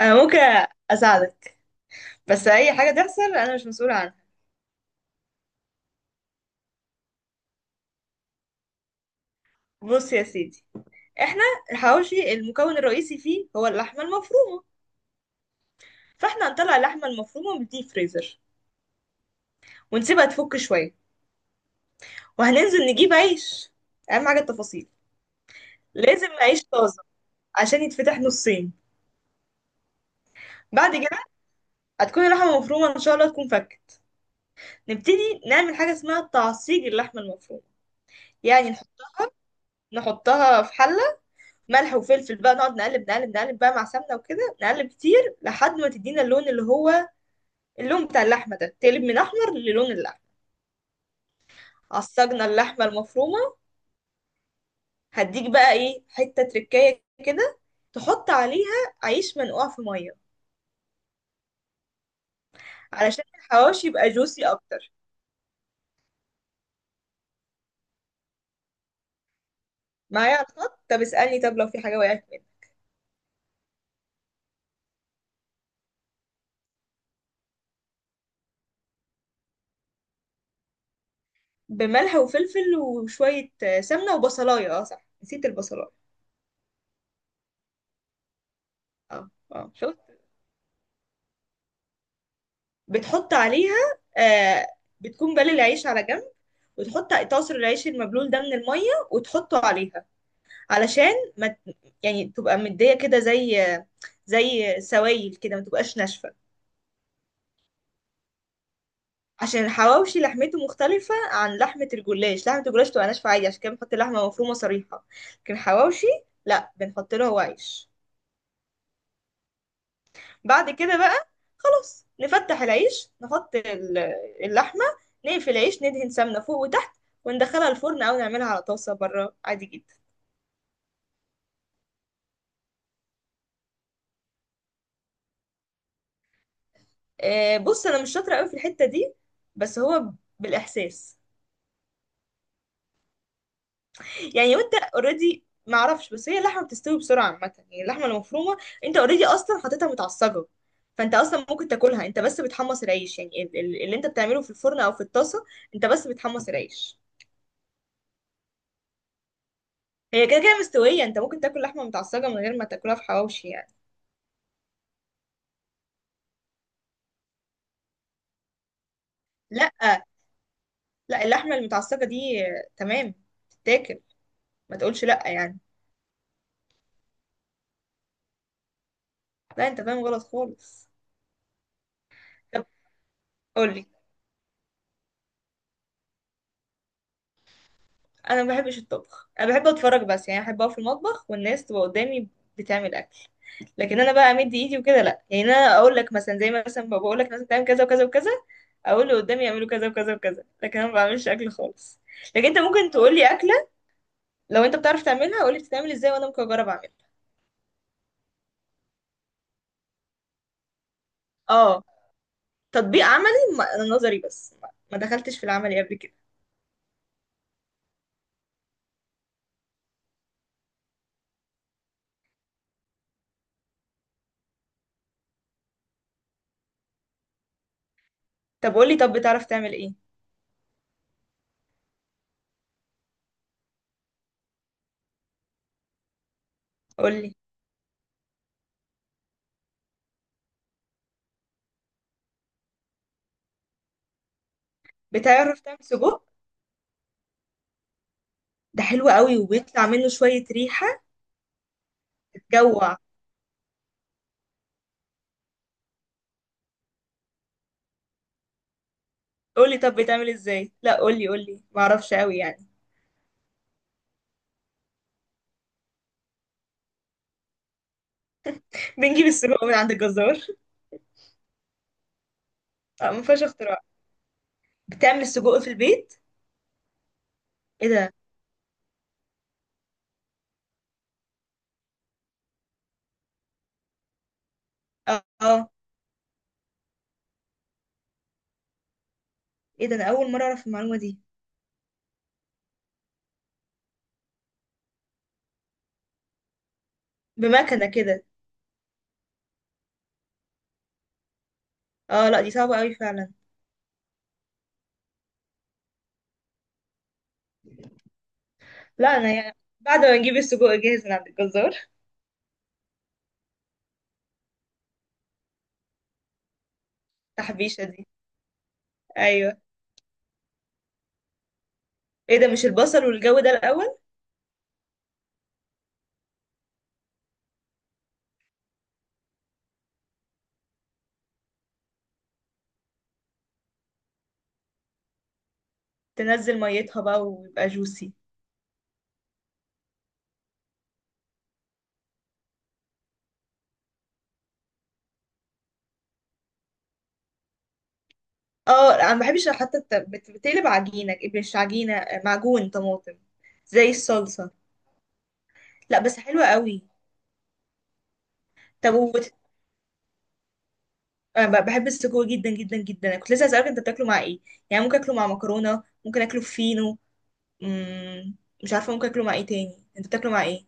انا ممكن اساعدك، بس اي حاجه تحصل انا مش مسؤوله عنها. بص يا سيدي، احنا الحواوشي المكون الرئيسي فيه هو اللحمه المفرومه. فاحنا هنطلع اللحمه المفرومه من الديب فريزر ونسيبها تفك شويه، وهننزل نجيب عيش. اهم حاجه التفاصيل، لازم عيش طازه عشان يتفتح نصين. بعد كده هتكون اللحمه المفرومه ان شاء الله تكون فكت. نبتدي نعمل حاجه اسمها تعصيج اللحمه المفرومه. يعني نح- نحطها في حله، ملح وفلفل بقى، نقعد نقلب نقلب نقلب بقى مع سمنة وكده، نقلب كتير لحد ما تدينا اللون اللي هو اللون بتاع اللحمة، ده تقلب من أحمر للون اللحمة. عصجنا اللحمة المفرومة، هديك بقى إيه حتة تركاية كده، تحط عليها عيش منقوع في مية، علشان الحواوشي يبقى جوسي أكتر. معايا على الخط؟ طب اسألني، طب لو في حاجة وقعت منك. بملح وفلفل وشوية سمنة وبصلاية، اه صح نسيت البصلاية. اه اه شفت. بتحط عليها آه بتكون بالي العيش على جنب، وتحط تعصر العيش المبلول ده من المية وتحطه عليها، علشان ما ت- يعني تبقى مدية كده، زي زي سوائل كده، ما تبقاش ناشفة. عشان الحواوشي لحمته مختلفة عن لحمة الجلاش. لحمة الجلاش تبقى ناشفة عادي، عشان كده بنحط لحمة مفرومة صريحة. لكن الحواوشي لا، بنحط له هو عيش. بعد كده بقى خلاص نفتح العيش، نحط اللحمة، نقفل العيش، ندهن سمنة فوق وتحت، وندخلها الفرن أو نعملها على طاسة بره عادي جدا. بص انا مش شاطره قوي في الحته دي، بس هو بالاحساس. يعني وانت اوريدي ما اعرفش، بس هي اللحمه بتستوي بسرعه عامه، يعني اللحمه المفرومه انت اوريدي اصلا حاططها متعصجه، فانت اصلا ممكن تاكلها. انت بس بتحمص العيش، يعني اللي انت بتعمله في الفرن او في الطاسه، انت بس بتحمص العيش. هي كده كده مستويه، انت ممكن تاكل لحمه متعصجه من غير ما تاكلها في حواوشي يعني. لا لا، اللحمه المتعصجه دي تمام، تتاكل، ما تقولش لا يعني. لا انت فاهم غلط خالص. طب قولي. انا ما بحبش الطبخ، انا بحب اتفرج بس يعني، بحب اقف في المطبخ والناس تبقى قدامي بتعمل اكل، لكن انا بقى امد ايدي وكده لا. يعني انا اقول لك مثلا، زي ما مثلا بقول لك مثلا تعمل كذا وكذا وكذا، اقول اللي قدامي يعملوا كذا وكذا وكذا، لكن انا ما بعملش اكل خالص. لكن انت ممكن تقول لي اكله، لو انت بتعرف تعملها قول لي بتتعمل ازاي، وانا ممكن اجرب اعملها. اه، تطبيق عملي. انا نظري بس، ما دخلتش في العملي قبل كده. طب قول لي، طب بتعرف تعمل ايه؟ قول لي. بتعرف تعمل سجق؟ ده حلو قوي، وبيطلع منه شويه ريحه تجوع. قولي طب بيتعمل ازاي؟ لا قولي قولي، ما اعرفش قوي يعني. بنجيب السجق من عند الجزار. اه ما فيهاش اختراع. بتعمل السجق في البيت؟ ايه ده. اه ايه ده، انا اول مره اعرف المعلومه دي. بمكنه كده؟ اه لا دي صعبه قوي فعلا. لا انا يعني بعد ما نجيب السجق جاهز من عند الجزار. تحبيشه دي؟ ايوه. ايه ده، مش البصل والجو ده الاول؟ تنزل ميتها بقى ويبقى جوسي. اه انا ما بحبش حتى بتقلب عجينه، مش عجينه، معجون طماطم، زي الصلصه. لا بس حلوه قوي. طب انا بحب السجق جدا جدا جدا. أنا كنت لسه هسألك انت بتاكله مع ايه. يعني ممكن اكله مع مكرونة، ممكن اكله في فينو. مم، مش عارفة ممكن اكله مع ايه تاني. انت بتاكله مع ايه؟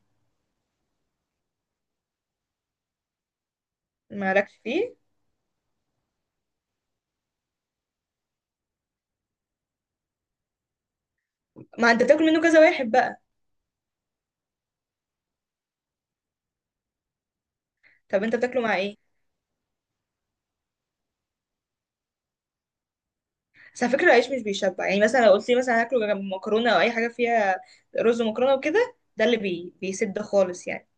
مالكش فيه؟ ما انت بتاكل منه كذا واحد بقى. طب انت بتاكله مع ايه؟ بس على فكرة العيش مش بيشبع، يعني مثلا لو قلت لي مثلا هاكله جنب مكرونة او اي حاجة فيها رز ومكرونة وكده، ده اللي بي... بيسد خالص يعني.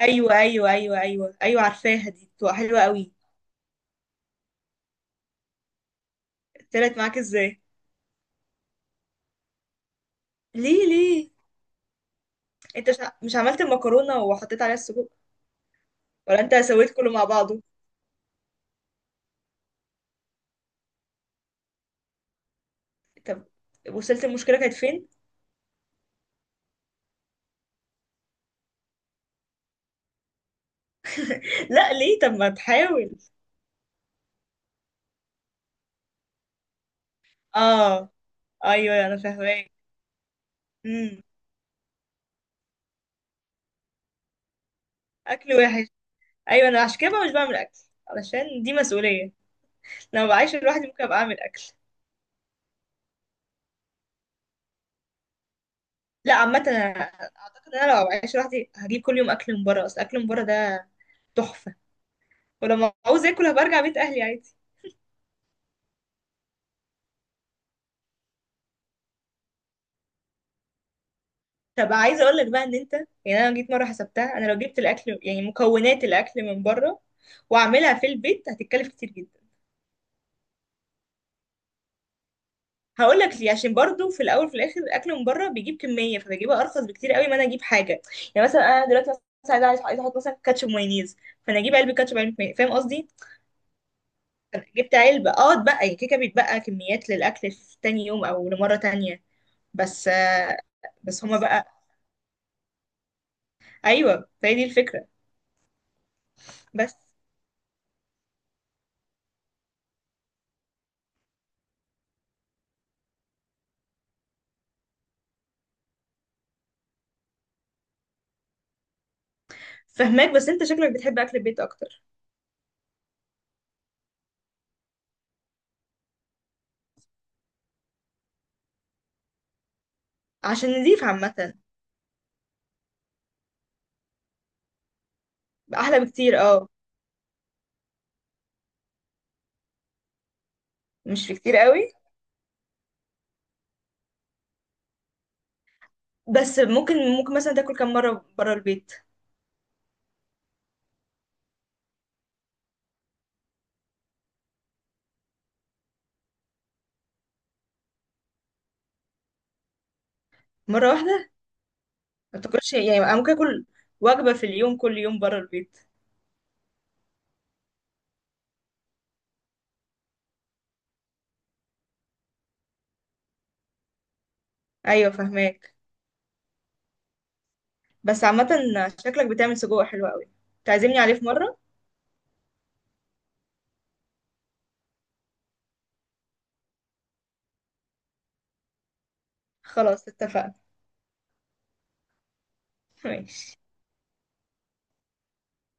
ايوه ايوه ايوه ايوه ايوه، عارفاها دي، بتبقى حلوة قوي. طلعت معاك ازاي؟ ليه ليه؟ انت مش عملت المكرونة وحطيت عليها السجق، ولا انت سويت كله مع بعضه؟ طب وصلت المشكلة كانت فين؟ لا ليه، طب ما تحاول. اه، ايوه انا فاهماك. امم. اكل وحش. ايوه، انا عشان كده بقى مش بعمل اكل، علشان دي مسؤولية. لو بعيش لوحدي ممكن ابقى اعمل اكل. لا عامة انا اعتقد ان انا لو بعيش لوحدي هجيب كل يوم اكل من بره، اصل اكل من بره ده تحفة، ولما عاوز اكل هبقى ارجع بيت اهلي عادي. طب عايزة اقول لك بقى ان انت، يعني انا جيت مرة حسبتها، انا لو جبت الاكل يعني مكونات الاكل من بره واعملها في البيت هتتكلف كتير جدا. هقول لك ليه، عشان برضو في الاول وفي الاخر الاكل من بره بيجيب كميه، فبجيبها ارخص بكتير قوي ما انا اجيب حاجه. يعني مثلا انا دلوقتي مثلا عايزه عايزه عايزة احط مثلا كاتشب مايونيز، فانا اجيب علبه كاتشب علبه مايونيز، فاهم قصدي؟ أنا جبت علبه اه اتبقى يعني كيكه، بيتبقى كميات للاكل في تاني يوم او لمره تانية بس. بس هما بقى، ايوه، فهي دي الفكره. بس فهماك، بس انت شكلك بتحب اكل البيت اكتر، عشان نضيف عامه. احلى بكتير. اه، مش بكتير قوي. بس ممكن ممكن مثلا تاكل كم مره بره البيت؟ مره واحده؟ ما تاكلش يعني، انا ممكن اكل وجبه في اليوم كل يوم بره البيت. ايوه فهماك. بس عامه شكلك بتعمل سجق حلو قوي. تعزمني عليه في مره. خلاص اتفقنا. ماشي.